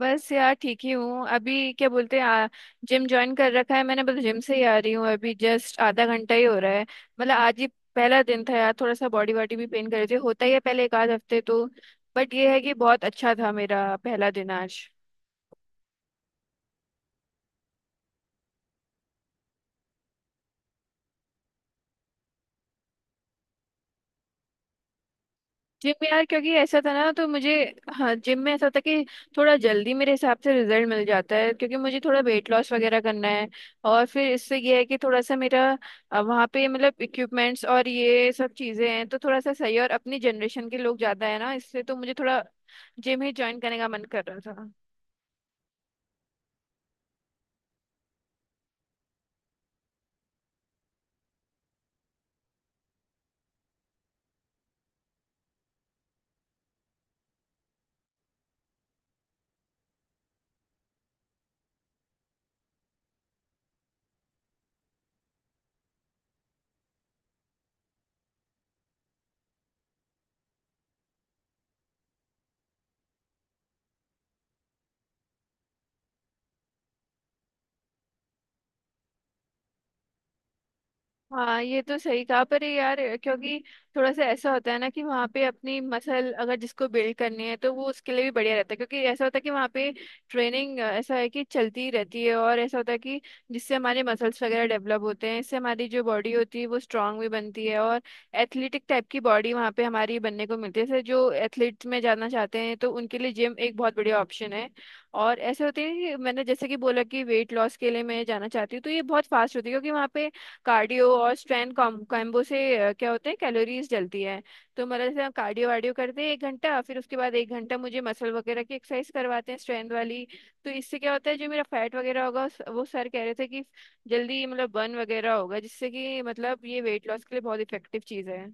बस यार ठीक ही हूँ। अभी क्या बोलते हैं, जिम ज्वाइन कर रखा है मैंने। बस जिम से ही आ रही हूँ अभी। जस्ट आधा घंटा ही हो रहा है, मतलब आज ही पहला दिन था यार। थोड़ा सा बॉडी वॉडी भी पेन कर रही थी, होता ही है पहले एक आध हफ्ते तो। बट ये है कि बहुत अच्छा था मेरा पहला दिन आज। जिम में यार क्योंकि ऐसा था ना तो मुझे, हाँ, जिम में ऐसा था कि थोड़ा जल्दी मेरे हिसाब से रिजल्ट मिल जाता है, क्योंकि मुझे थोड़ा वेट लॉस वगैरह करना है। और फिर इससे ये है कि थोड़ा सा मेरा, वहाँ पे मतलब इक्विपमेंट्स और ये सब चीज़ें हैं तो थोड़ा सा सही है। और अपनी जनरेशन के लोग ज़्यादा है ना, इससे तो मुझे थोड़ा जिम ही ज्वाइन करने का मन कर रहा था। हाँ ये तो सही कहा, पर ये यार क्योंकि थोड़ा सा ऐसा होता है ना कि वहाँ पे अपनी मसल अगर जिसको बिल्ड करनी है तो वो उसके लिए भी बढ़िया रहता है। क्योंकि ऐसा होता है कि वहाँ पे ट्रेनिंग ऐसा है कि चलती ही रहती है, और ऐसा होता है कि जिससे हमारे मसल्स वगैरह डेवलप होते हैं, इससे हमारी जो बॉडी होती है वो स्ट्रांग भी बनती है और एथलेटिक टाइप की बॉडी वहाँ पे हमारी बनने को मिलती है। जैसे जो एथलीट्स में जाना चाहते हैं तो उनके लिए जिम एक बहुत बढ़िया ऑप्शन है। और ऐसे होते हैं कि मैंने जैसे कि बोला कि वेट लॉस के लिए मैं जाना चाहती हूँ तो ये बहुत फास्ट होती है, क्योंकि वहाँ पे कार्डियो और स्ट्रेंथ कॉम्बो से क्या होते हैं, कैलोरीज जलती है। तो मतलब जैसे हम कार्डियो वार्डियो करते हैं एक घंटा, फिर उसके बाद एक घंटा मुझे मसल वगैरह की एक्सरसाइज करवाते हैं स्ट्रेंथ वाली। तो इससे क्या होता है जो मेरा फैट वगैरह होगा वो सर कह रहे थे कि जल्दी मतलब बर्न वगैरह होगा, जिससे कि मतलब ये वेट लॉस के लिए बहुत इफेक्टिव चीज़ है।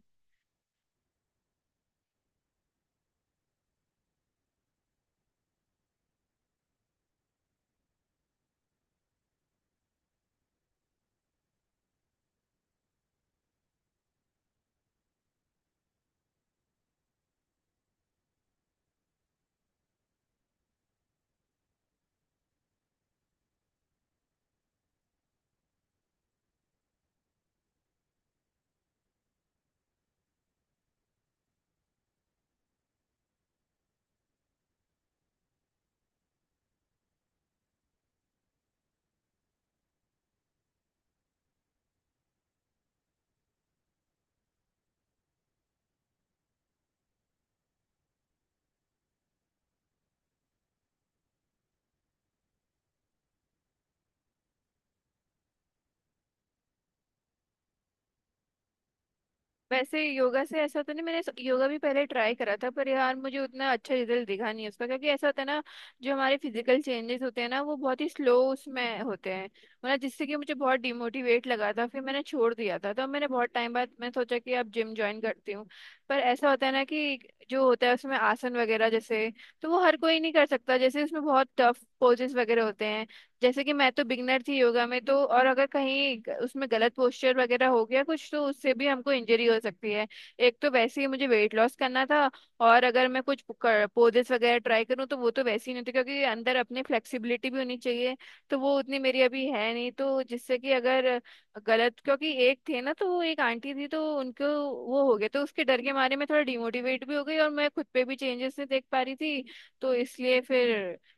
वैसे योगा से ऐसा तो नहीं, मैंने योगा भी पहले ट्राई करा था पर यार मुझे उतना अच्छा रिजल्ट दिखा नहीं उसका, क्योंकि ऐसा होता है ना, जो हमारे फिजिकल चेंजेस होते हैं ना वो बहुत ही स्लो उसमें होते हैं। मतलब जिससे कि मुझे बहुत डिमोटिवेट लगा था, फिर मैंने छोड़ दिया था। तो मैंने बहुत टाइम बाद मैं सोचा कि अब जिम ज्वाइन करती हूँ। पर ऐसा होता है ना कि जो होता है उसमें आसन वगैरह जैसे, तो वो हर कोई नहीं कर सकता, जैसे उसमें बहुत टफ पोजेस वगैरह होते हैं। जैसे कि मैं तो बिगनर थी योगा में, तो और अगर कहीं उसमें गलत पोस्चर वगैरह हो गया कुछ तो उससे भी हमको इंजरी हो सकती है। एक तो वैसे ही मुझे वेट लॉस करना था, और अगर मैं कुछ पोजेस वगैरह ट्राई करूँ तो वो तो वैसे ही नहीं होती, क्योंकि अंदर अपनी फ्लेक्सिबिलिटी भी होनी चाहिए, तो वो उतनी मेरी अभी है नहीं। तो जिससे कि अगर गलत, क्योंकि एक थे ना, तो वो एक आंटी थी तो उनको वो हो गया, तो उसके डर के मारे मैं थोड़ा डिमोटिवेट भी हो गई और मैं खुद पे भी चेंजेस नहीं देख पा रही थी। तो इसलिए फिर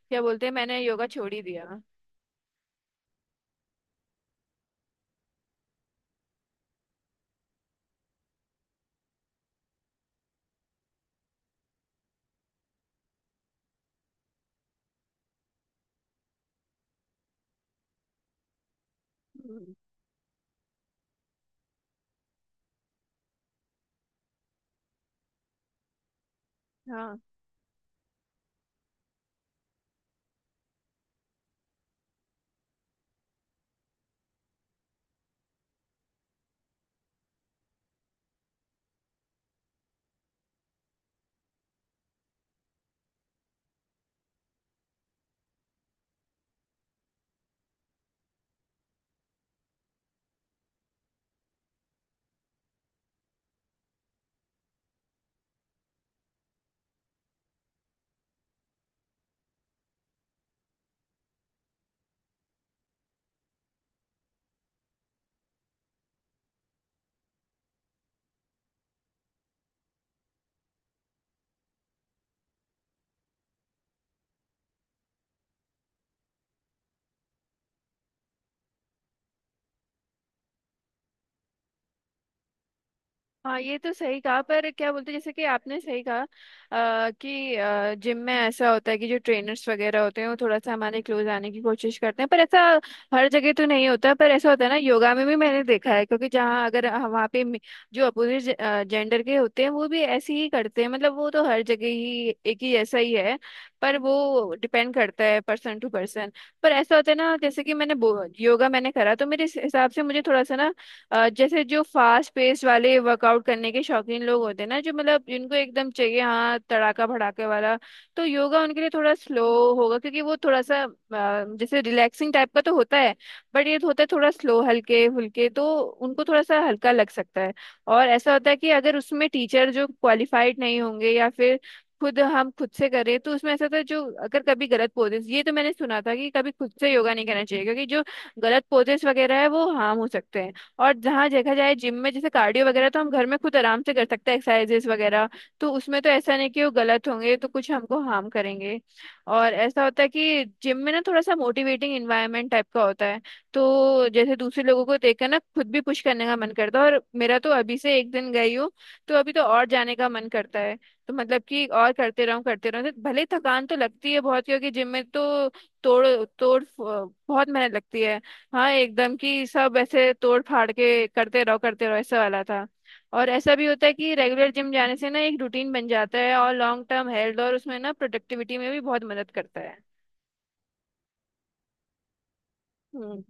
क्या बोलते हैं, मैंने योगा छोड़ ही दिया। हम्म, हाँ हाँ, ये तो सही कहा। पर क्या बोलते हैं, जैसे कि आपने सही कहा कि जिम में ऐसा होता है कि जो ट्रेनर्स वगैरह होते हैं वो थोड़ा सा हमारे क्लोज आने की कोशिश करते हैं, पर ऐसा हर जगह तो नहीं होता। पर ऐसा होता है ना, योगा में भी मैंने देखा है, क्योंकि जहाँ अगर वहाँ पे जो अपोजिट जेंडर के होते हैं वो भी ऐसे ही करते हैं। मतलब वो तो हर जगह ही एक ही ऐसा ही है, पर वो डिपेंड करता है पर्सन टू पर्सन। पर ऐसा होता है ना, जैसे कि मैंने योगा मैंने करा, तो मेरे हिसाब से मुझे थोड़ा सा ना जैसे जो फास्ट पेस वाले वर्कआउट करने के शौकीन लोग होते हैं ना, जो मतलब जिनको एकदम चाहिए हाँ, तड़ाका भड़ाके वाला, तो योगा उनके लिए थोड़ा स्लो होगा, क्योंकि वो थोड़ा सा जैसे रिलैक्सिंग टाइप का तो होता है, बट ये होता है थोड़ा स्लो हल्के फुल्के, तो उनको थोड़ा सा हल्का लग सकता है। और ऐसा होता है कि अगर उसमें टीचर जो क्वालिफाइड नहीं होंगे, या फिर खुद हम खुद से करें, तो उसमें ऐसा होता है जो अगर कभी गलत पोजेस, ये तो मैंने सुना था कि कभी खुद से योगा नहीं करना चाहिए, क्योंकि जो गलत पोजेस वगैरह है वो हार्म हो सकते हैं। और जहाँ देखा जाए जिम में, जैसे कार्डियो वगैरह तो हम घर में खुद आराम से कर सकते हैं एक्सरसाइजेस वगैरह। तो उसमें तो ऐसा नहीं कि वो गलत होंगे तो कुछ हमको हार्म करेंगे। और ऐसा होता है कि जिम में ना थोड़ा सा मोटिवेटिंग इन्वायरमेंट टाइप का होता है, तो जैसे दूसरे लोगों को देखकर ना खुद भी पुश करने का मन करता है। और मेरा तो अभी से एक दिन गई हूँ, तो अभी तो और जाने का मन करता है। तो मतलब कि और करते रहूं करते रहूं, भले ही थकान तो लगती है बहुत, क्योंकि जिम में तो तोड़ तोड़ बहुत मेहनत लगती है। हाँ एकदम, कि सब ऐसे तोड़ फाड़ के करते रहो करते रहो, ऐसा वाला था। और ऐसा भी होता है कि रेगुलर जिम जाने से ना एक रूटीन बन जाता है, और लॉन्ग टर्म हेल्थ और उसमें ना प्रोडक्टिविटी में भी बहुत मदद करता है। हम्म।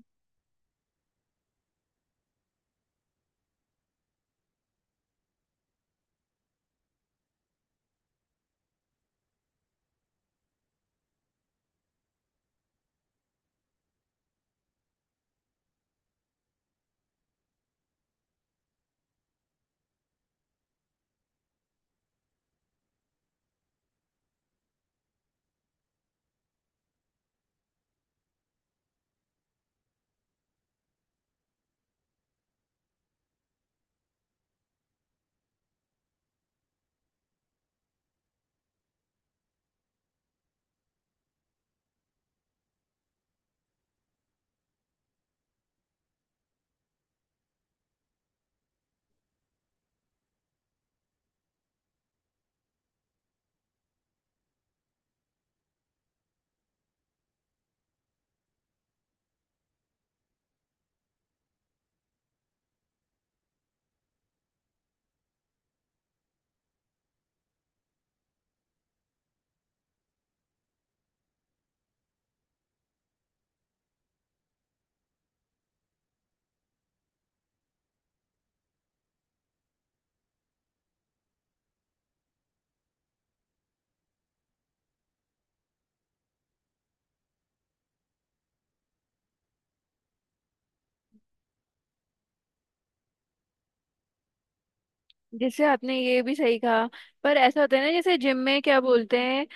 जैसे आपने ये भी सही कहा, पर ऐसा होता है ना जैसे जिम में क्या बोलते हैं,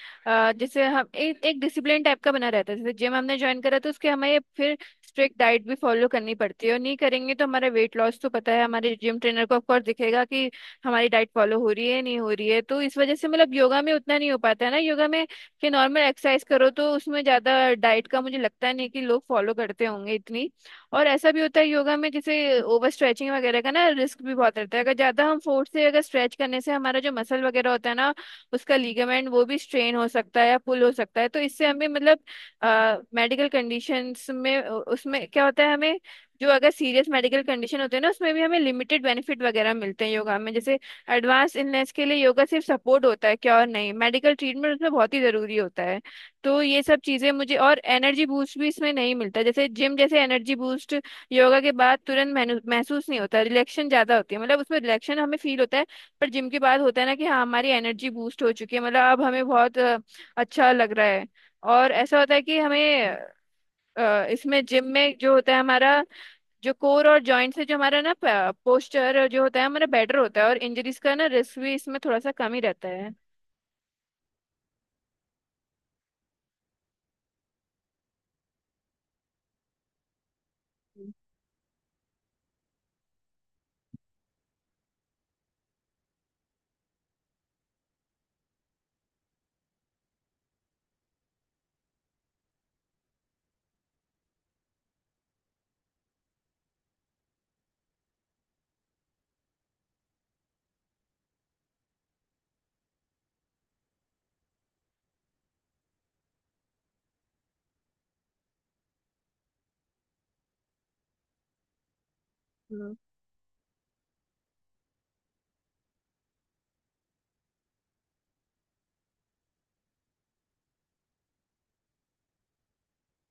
जैसे हम एक एक डिसिप्लिन टाइप का बना रहता है। जैसे जिम हमने ज्वाइन करा तो उसके हमें फिर स्ट्रिक्ट डाइट भी फॉलो करनी पड़ती है, और नहीं करेंगे तो हमारा वेट लॉस तो पता है हमारे जिम ट्रेनर को ऑफकोर्स दिखेगा कि हमारी डाइट फॉलो हो रही है नहीं हो रही है। तो इस वजह से मतलब योगा में उतना नहीं हो पाता है ना, योगा में कि नॉर्मल एक्सरसाइज करो तो उसमें ज्यादा डाइट का मुझे लगता नहीं कि लोग फॉलो करते होंगे इतनी। और ऐसा भी होता है योगा में जैसे ओवर स्ट्रेचिंग वगैरह का ना रिस्क भी बहुत रहता है, अगर ज्यादा हम फोर्स से अगर स्ट्रेच करने से हमारा जो मसल वगैरह होता है ना, उसका लीगामेंट वो भी स्ट्रेन हो सकता है या पुल हो सकता है, तो इससे हमें मतलब मेडिकल कंडीशंस में उसमें क्या होता है हमें, जो अगर सीरियस मेडिकल कंडीशन होते हैं ना, उसमें भी हमें लिमिटेड बेनिफिट वगैरह मिलते हैं योगा में। जैसे एडवांस इलनेस के लिए योगा सिर्फ सपोर्ट होता है क्या, और नहीं, मेडिकल ट्रीटमेंट उसमें बहुत ही जरूरी होता है। तो ये सब चीजें मुझे, और एनर्जी बूस्ट भी इसमें नहीं मिलता जैसे जिम जैसे एनर्जी बूस्ट। योगा के बाद तुरंत महसूस नहीं होता, रिलैक्शन ज्यादा होती है, मतलब उसमें रिलैक्शन हमें फील होता है। पर जिम के बाद होता है ना कि हाँ हमारी एनर्जी बूस्ट हो चुकी है, मतलब अब हमें बहुत अच्छा लग रहा है। और ऐसा होता है कि हमें इसमें जिम में जो होता है हमारा जो कोर और जॉइंट से जो हमारा ना पोस्चर जो होता है हमारा बेटर होता है, और इंजरीज का ना रिस्क भी इसमें थोड़ा सा कम ही रहता है।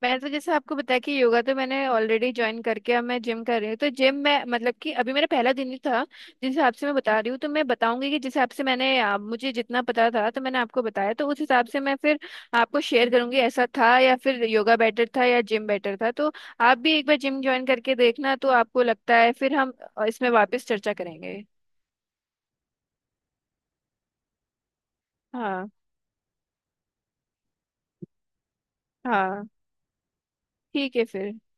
मैं तो जैसे आपको बताया कि योगा तो मैंने ऑलरेडी ज्वाइन करके अब मैं जिम कर रही हूँ। तो जिम में मतलब कि अभी मेरा पहला दिन ही था, जिस हिसाब से मैं बता रही हूँ तो मैं बताऊंगी कि जिस हिसाब से मैंने मुझे जितना पता था, तो मैंने आपको बताया, तो उस हिसाब से मैं फिर आपको शेयर करूंगी, ऐसा था या फिर योगा बेटर था या जिम बेटर था। तो आप भी एक बार जिम ज्वाइन करके देखना, तो आपको लगता है, फिर हम इसमें वापस चर्चा करेंगे। हाँ हाँ, ठीक है फिर।